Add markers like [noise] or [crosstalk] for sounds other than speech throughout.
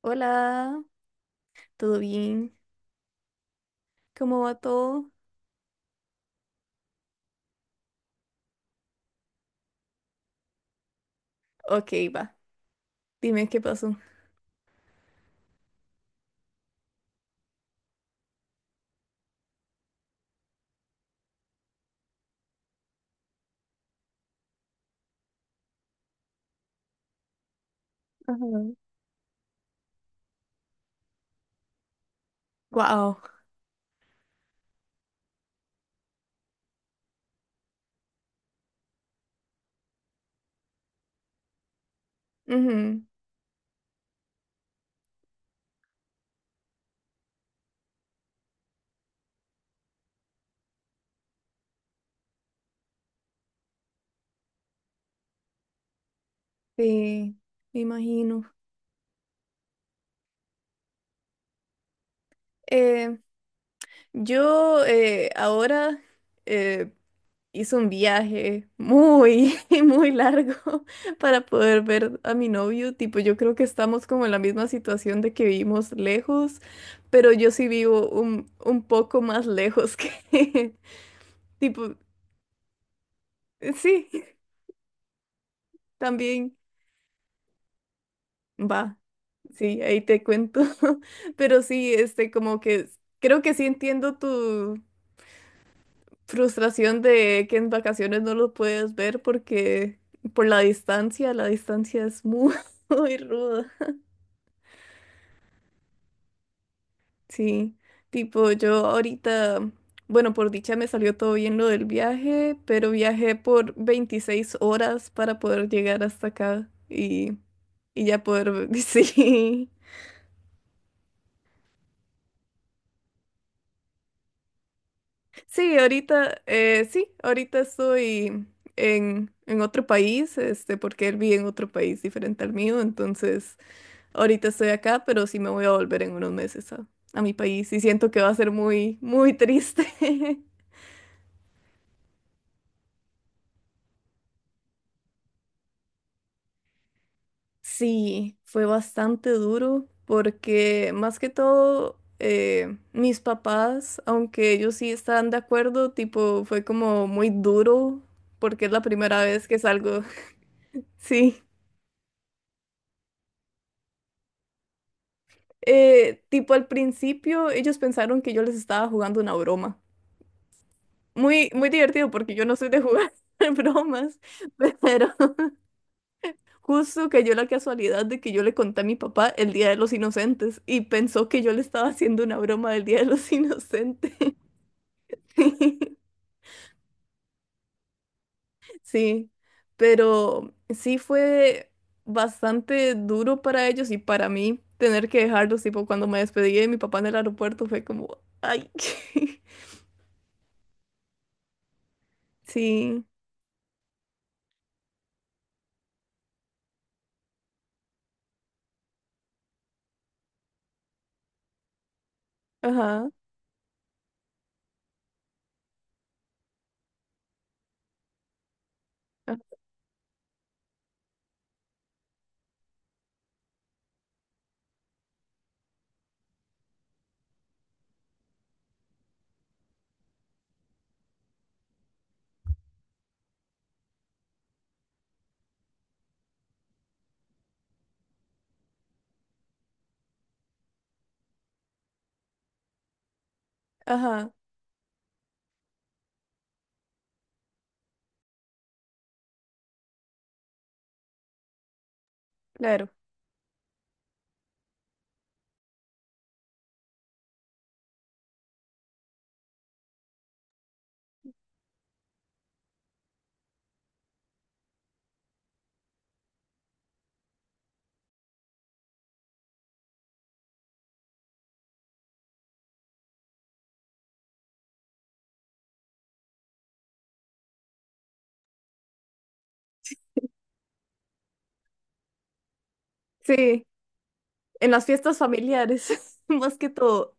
Hola, ¿todo bien? ¿Cómo va todo? Ok, va. Dime qué pasó. Ajá. Wow. Ujú. Sí, me imagino. Eh, yo ahora eh, hice un viaje muy, [laughs] muy largo para poder ver a mi novio. Tipo, yo creo que estamos como en la misma situación de que vivimos lejos, pero yo sí vivo un poco más lejos que [laughs] Tipo, sí, también. Va, sí, ahí te cuento. [laughs] Pero sí, como que creo que sí entiendo tu frustración de que en vacaciones no lo puedes ver por la distancia es muy, [laughs] muy ruda. Sí, tipo yo ahorita, bueno, por dicha me salió todo bien lo del viaje, pero viajé por 26 horas para poder llegar hasta acá y ya poder, [laughs] sí. Sí, ahorita estoy en otro país, porque él vive en otro país diferente al mío, entonces ahorita estoy acá, pero sí me voy a volver en unos meses a mi país y siento que va a ser muy, muy triste. [laughs] Sí, fue bastante duro porque más que todo mis papás, aunque ellos sí estaban de acuerdo, tipo, fue como muy duro porque es la primera vez que salgo. [laughs] Sí. Tipo al principio ellos pensaron que yo les estaba jugando una broma. Muy, muy divertido porque yo no soy de jugar [laughs] bromas, pero justo cayó la casualidad de que yo le conté a mi papá el Día de los Inocentes y pensó que yo le estaba haciendo una broma del Día de los Inocentes. [laughs] Sí, pero sí fue bastante duro para ellos y para mí tener que dejarlos, tipo cuando me despedí de mi papá en el aeropuerto fue como, ay. [laughs] Sí, ajá. Ah, ajá, claro. Sí, en las fiestas familiares, [laughs] más que todo.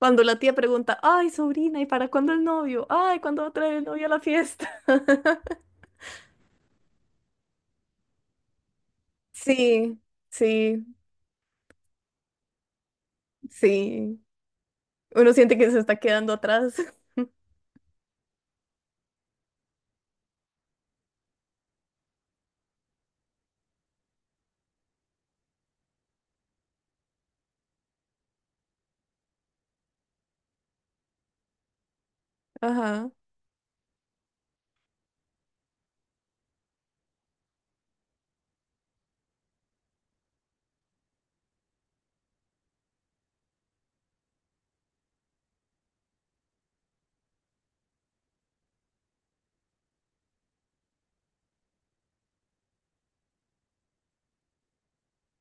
Cuando la tía pregunta, ay, sobrina, ¿y para cuándo el novio? Ay, ¿cuándo va a traer el novio a la fiesta? [laughs] Sí, sí, sí. Uno siente que se está quedando atrás. [laughs] Ajá,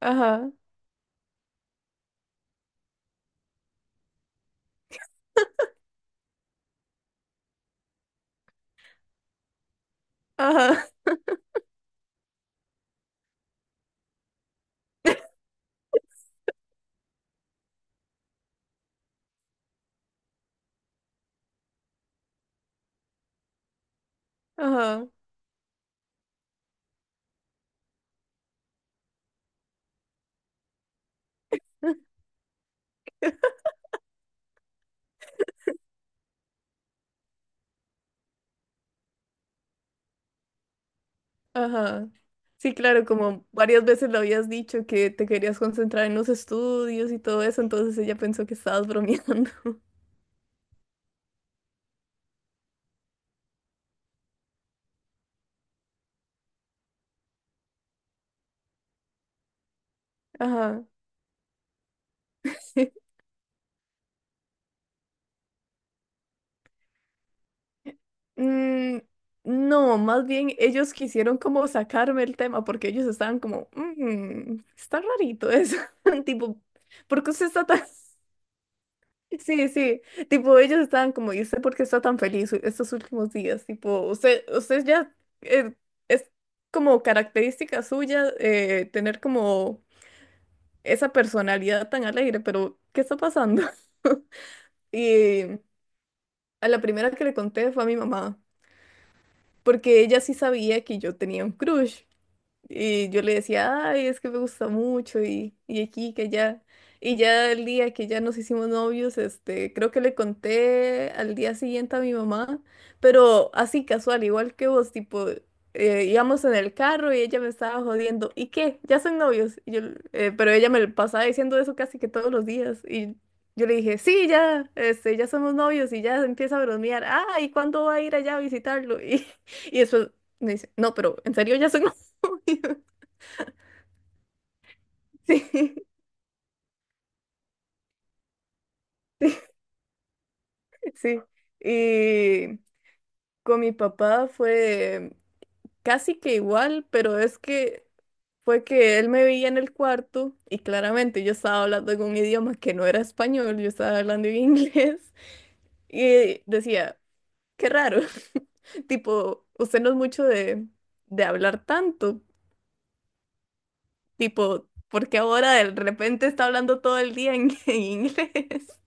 ajá, ajá, [laughs] ajá, ajá. Sí, claro, como varias veces le habías dicho que te querías concentrar en los estudios y todo eso, entonces ella pensó que estabas bromeando. [laughs] Ajá. [laughs] Mm, no, más bien ellos quisieron como sacarme el tema porque ellos estaban como, "Mm, está rarito eso, [laughs] tipo, ¿por qué usted está tan [laughs] Sí, sí, tipo ellos estaban como, ¿y usted por qué está tan feliz estos últimos días? Tipo, usted ya eh, es como característica suya tener como esa personalidad tan alegre, pero ¿qué está pasando? [laughs] Y a la primera que le conté fue a mi mamá, porque ella sí sabía que yo tenía un crush. Y yo le decía, ay, es que me gusta mucho y aquí, que allá. Y ya el día que ya nos hicimos novios, creo que le conté al día siguiente a mi mamá, pero así casual, igual que vos, tipo, íbamos en el carro y ella me estaba jodiendo, ¿y qué? ¿Ya son novios? Y yo, pero ella me lo pasaba diciendo eso casi que todos los días. Y yo le dije, sí, ya, ya somos novios y ya empieza a bromear, ah, ¿y cuándo va a ir allá a visitarlo? [laughs] Y, y después me dice, no, pero en serio ya son [laughs] Sí, sí. Y con mi papá fue casi que igual, pero es que fue que él me veía en el cuarto y claramente yo estaba hablando en un idioma que no era español, yo estaba hablando en [laughs] inglés y decía, qué raro, [laughs] tipo, usted no es mucho de hablar tanto, tipo, porque ahora de repente está hablando todo el día en, [laughs] en inglés?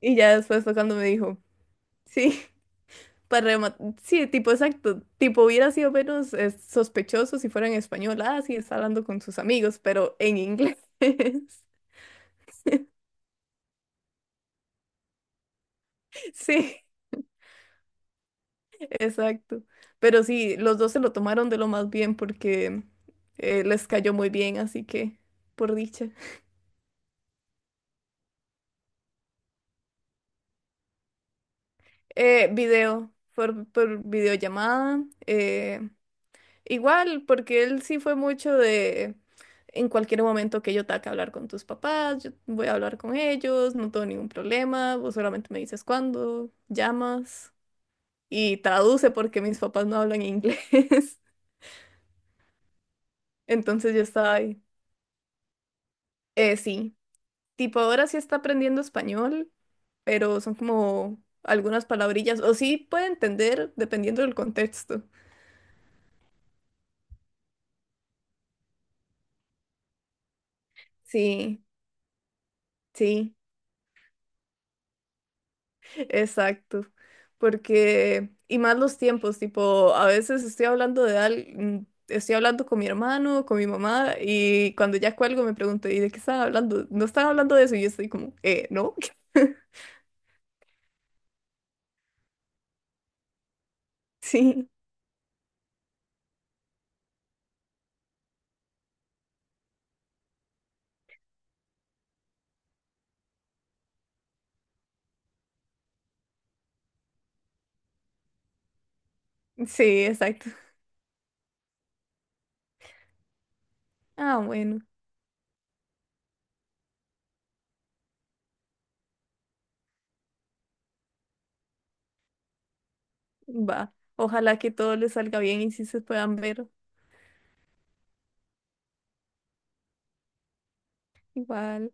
Y ya después fue cuando me dijo, sí. Para rema- sí, tipo exacto. Tipo hubiera sido menos sospechoso si fuera en español. Ah, sí, está hablando con sus amigos, pero en inglés. [laughs] Sí, exacto. Pero sí, los dos se lo tomaron de lo más bien porque les cayó muy bien, así que por dicha. Video, por videollamada. Igual, porque él sí fue mucho de en cualquier momento que yo tenga que hablar con tus papás, yo voy a hablar con ellos, no tengo ningún problema, vos solamente me dices cuándo, llamas y traduce porque mis papás no hablan inglés. [laughs] Entonces yo estaba ahí. Sí, tipo ahora sí está aprendiendo español, pero son como algunas palabrillas, o sí puede entender dependiendo del contexto. Sí, sí. Exacto, porque, y más los tiempos, tipo, a veces estoy hablando estoy hablando con mi hermano, con mi mamá, y cuando ya cuelgo me pregunto, ¿y de qué están hablando? No están hablando de eso, y yo estoy como, ¿no? [laughs] Sí, sí, exacto. Ah, bueno, va. Ojalá que todo les salga bien y si se puedan ver igual.